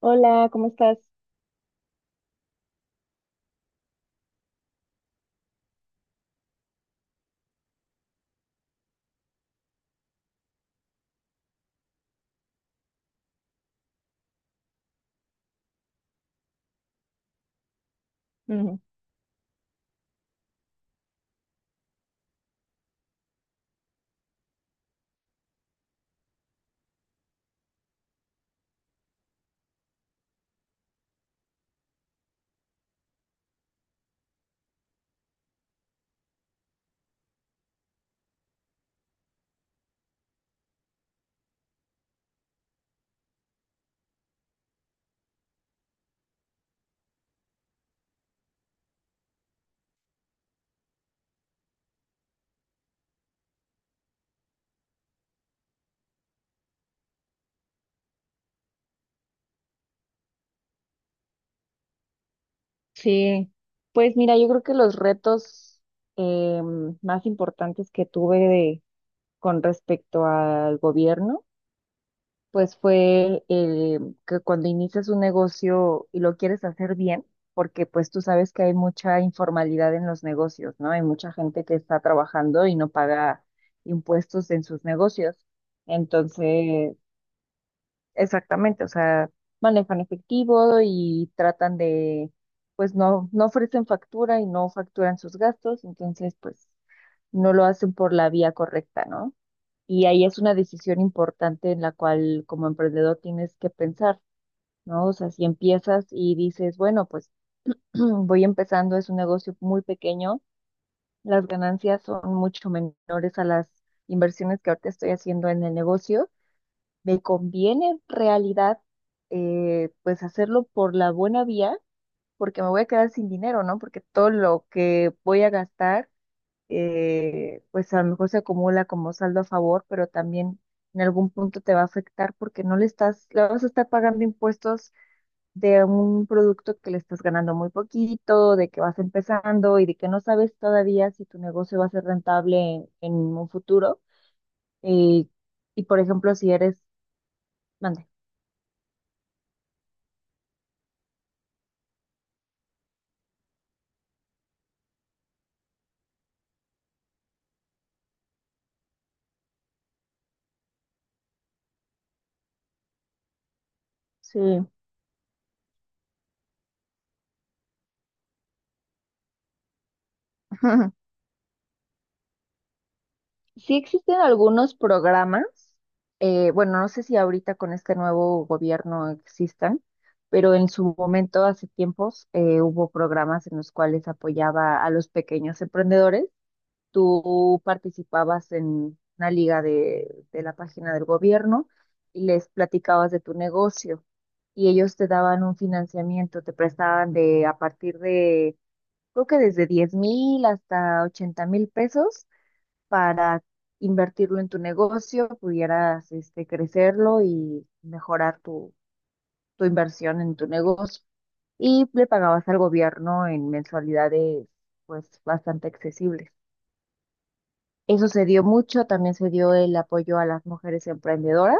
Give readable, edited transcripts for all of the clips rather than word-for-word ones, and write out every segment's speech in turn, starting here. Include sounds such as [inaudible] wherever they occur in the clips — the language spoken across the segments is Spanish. Hola, ¿cómo estás? Ujú. Sí, pues mira, yo creo que los retos más importantes que tuve de- con respecto al gobierno, pues fue el que cuando inicias un negocio y lo quieres hacer bien, porque pues tú sabes que hay mucha informalidad en los negocios, ¿no? Hay mucha gente que está trabajando y no paga impuestos en sus negocios. Entonces, exactamente, o sea, manejan efectivo y tratan de, pues no ofrecen factura y no facturan sus gastos, entonces pues no lo hacen por la vía correcta, ¿no? Y ahí es una decisión importante en la cual como emprendedor tienes que pensar, ¿no? O sea, si empiezas y dices, bueno, pues [clears throat] voy empezando, es un negocio muy pequeño, las ganancias son mucho menores a las inversiones que ahorita estoy haciendo en el negocio, me conviene en realidad pues hacerlo por la buena vía, porque me voy a quedar sin dinero, ¿no? Porque todo lo que voy a gastar, pues a lo mejor se acumula como saldo a favor, pero también en algún punto te va a afectar porque no le estás, le vas a estar pagando impuestos de un producto que le estás ganando muy poquito, de que vas empezando y de que no sabes todavía si tu negocio va a ser rentable en un futuro. Eh, y por ejemplo, si eres, mande. Sí. [laughs] Sí existen algunos programas, bueno, no sé si ahorita con este nuevo gobierno existan, pero en su momento, hace tiempos, hubo programas en los cuales apoyaba a los pequeños emprendedores. Tú participabas en una liga de la página del gobierno y les platicabas de tu negocio y ellos te daban un financiamiento, te prestaban de a partir de, creo que desde 10,000 hasta 80,000 pesos para invertirlo en tu negocio, pudieras este, crecerlo y mejorar tu, tu inversión en tu negocio. Y le pagabas al gobierno en mensualidades pues bastante accesibles. Eso se dio mucho, también se dio el apoyo a las mujeres emprendedoras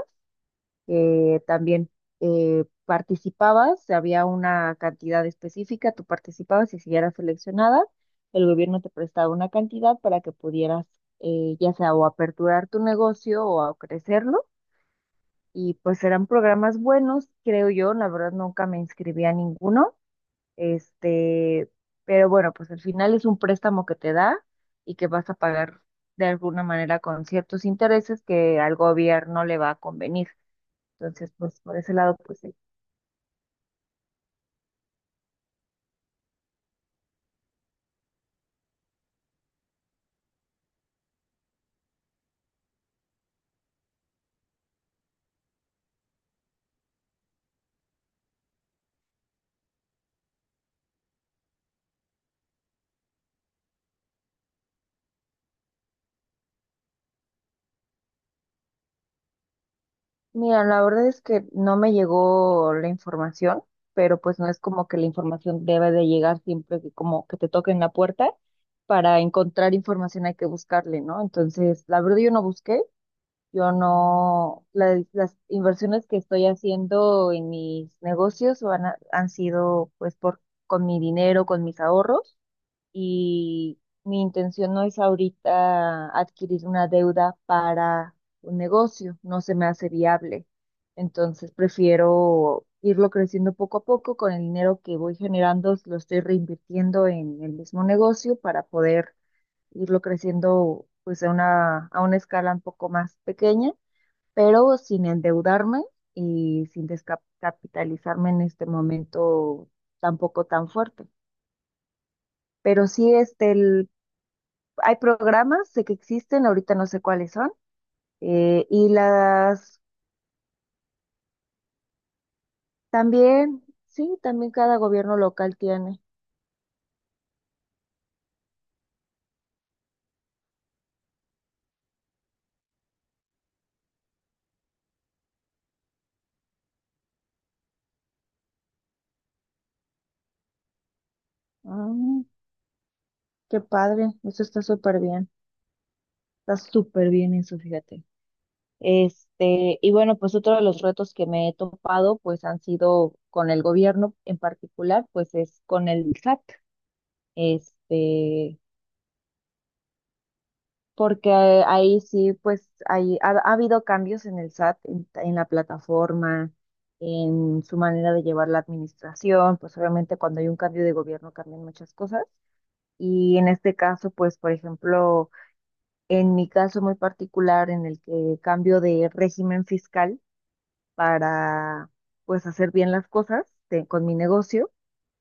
también participabas, había una cantidad específica, tú participabas y si eras seleccionada, el gobierno te prestaba una cantidad para que pudieras ya sea o aperturar tu negocio o a crecerlo. Y pues eran programas buenos, creo yo, la verdad nunca me inscribí a ninguno, este, pero bueno, pues al final es un préstamo que te da y que vas a pagar de alguna manera con ciertos intereses que al gobierno le va a convenir. Entonces, pues por ese lado, pues sí. Mira, la verdad es que no me llegó la información, pero pues no es como que la información debe de llegar siempre que como que te toquen la puerta. Para encontrar información hay que buscarle, ¿no? Entonces, la verdad yo no busqué, yo no, la- las inversiones que estoy haciendo en mis negocios van a- han sido pues por, con mi dinero, con mis ahorros. Y mi intención no es ahorita adquirir una deuda para un negocio, no se me hace viable. Entonces prefiero irlo creciendo poco a poco con el dinero que voy generando, lo estoy reinvirtiendo en el mismo negocio para poder irlo creciendo pues a una escala un poco más pequeña, pero sin endeudarme y sin descapitalizarme en este momento tampoco tan fuerte. Pero sí, este, el- hay programas sé que existen, ahorita no sé cuáles son, y las también, sí, también cada gobierno local tiene. Ah, qué padre, eso está súper bien eso, fíjate. Este, y bueno, pues otro de los retos que me he topado, pues han sido con el gobierno en particular, pues es con el SAT. Este, porque ahí sí, pues ahí ha habido cambios en el SAT, en la plataforma, en su manera de llevar la administración, pues obviamente cuando hay un cambio de gobierno cambian muchas cosas. Y en este caso, pues por ejemplo, en mi caso muy particular, en el que cambio de régimen fiscal para pues hacer bien las cosas de- con mi negocio,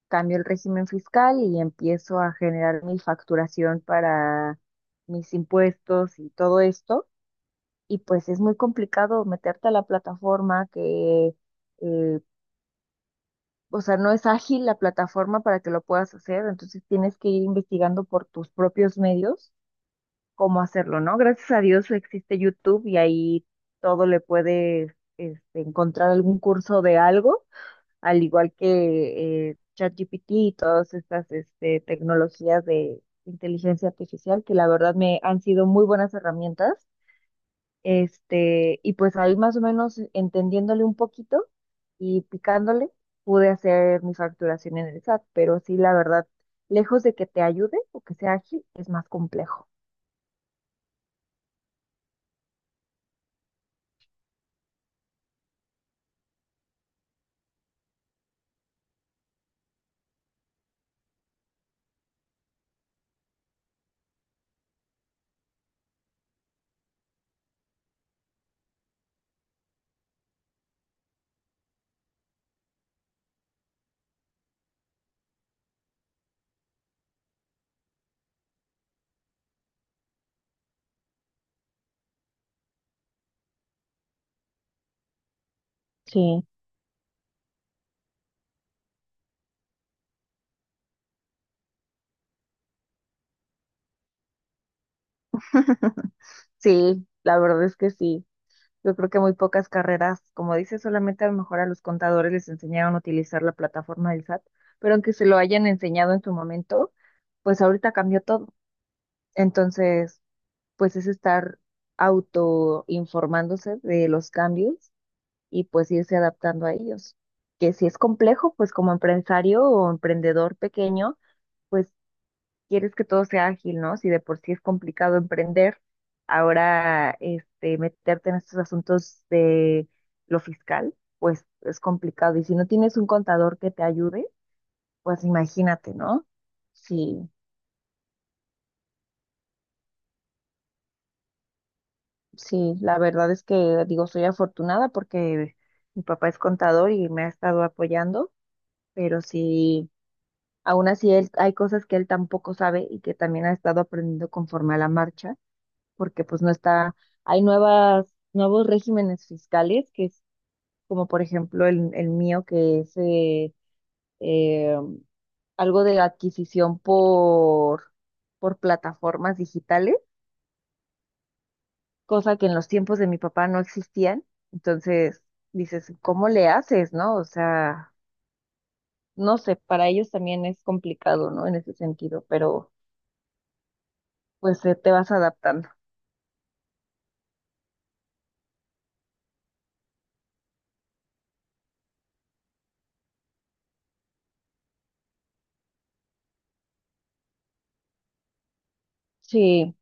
cambio el régimen fiscal y empiezo a generar mi facturación para mis impuestos y todo esto y pues es muy complicado meterte a la plataforma que, eh, o sea, no es ágil la plataforma para que lo puedas hacer, entonces tienes que ir investigando por tus propios medios cómo hacerlo, ¿no? Gracias a Dios existe YouTube y ahí todo le puedes este, encontrar algún curso de algo, al igual que ChatGPT y todas estas este, tecnologías de inteligencia artificial que la verdad me han sido muy buenas herramientas este, y pues ahí más o menos entendiéndole un poquito y picándole, pude hacer mi facturación en el SAT, pero sí, la verdad, lejos de que te ayude o que sea ágil, es más complejo. Sí. Sí, la verdad es que sí. Yo creo que muy pocas carreras, como dices, solamente a lo mejor a los contadores les enseñaron a utilizar la plataforma del SAT, pero aunque se lo hayan enseñado en su momento, pues ahorita cambió todo. Entonces, pues es estar autoinformándose de los cambios y pues irse adaptando a ellos. Que si es complejo, pues como empresario o emprendedor pequeño, pues quieres que todo sea ágil, ¿no? Si de por sí es complicado emprender, ahora este, meterte en estos asuntos de lo fiscal, pues es complicado. Y si no tienes un contador que te ayude, pues imagínate, ¿no? Sí, sí, la verdad es que digo, soy afortunada porque mi papá es contador y me ha estado apoyando, pero sí. Aún así, él, hay cosas que él tampoco sabe y que también ha estado aprendiendo conforme a la marcha, porque pues no está, hay nuevas, nuevos regímenes fiscales, que es como por ejemplo el mío, que es eh, algo de adquisición por plataformas digitales, cosa que en los tiempos de mi papá no existían. Entonces, dices, ¿cómo le haces, no? O sea, no sé, para ellos también es complicado, ¿no? En ese sentido, pero pues te vas adaptando. Sí,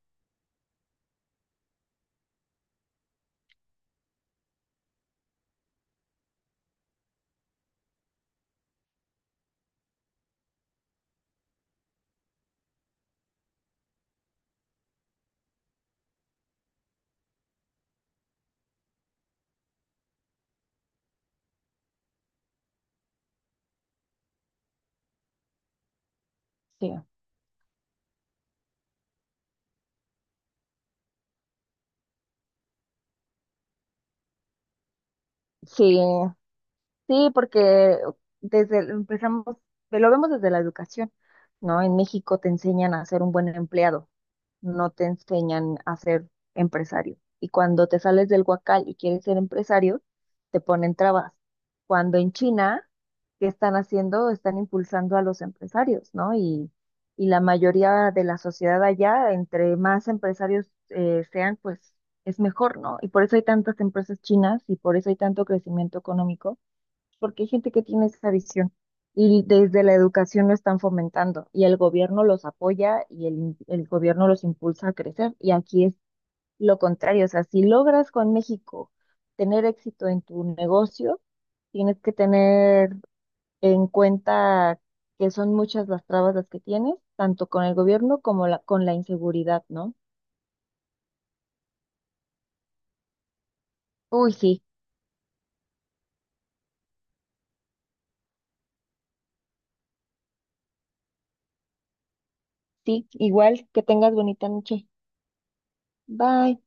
sí, sí, sí, porque desde el- empezamos, lo vemos desde la educación, ¿no? En México te enseñan a ser un buen empleado. No te enseñan a ser empresario. Y cuando te sales del huacal y quieres ser empresario, te ponen trabas. Cuando en China, ¿qué están haciendo? Están impulsando a los empresarios, ¿no? Y la mayoría de la sociedad allá, entre más empresarios sean, pues es mejor, ¿no? Y por eso hay tantas empresas chinas y por eso hay tanto crecimiento económico porque hay gente que tiene esa visión y desde la educación lo están fomentando y el gobierno los apoya y el gobierno los impulsa a crecer y aquí es lo contrario, o sea, si logras con México tener éxito en tu negocio, tienes que tener en cuenta que son muchas las trabas las que tienes, tanto con el gobierno como la, con la inseguridad, ¿no? Uy, sí, sí, igual que tengas bonita noche. Bye.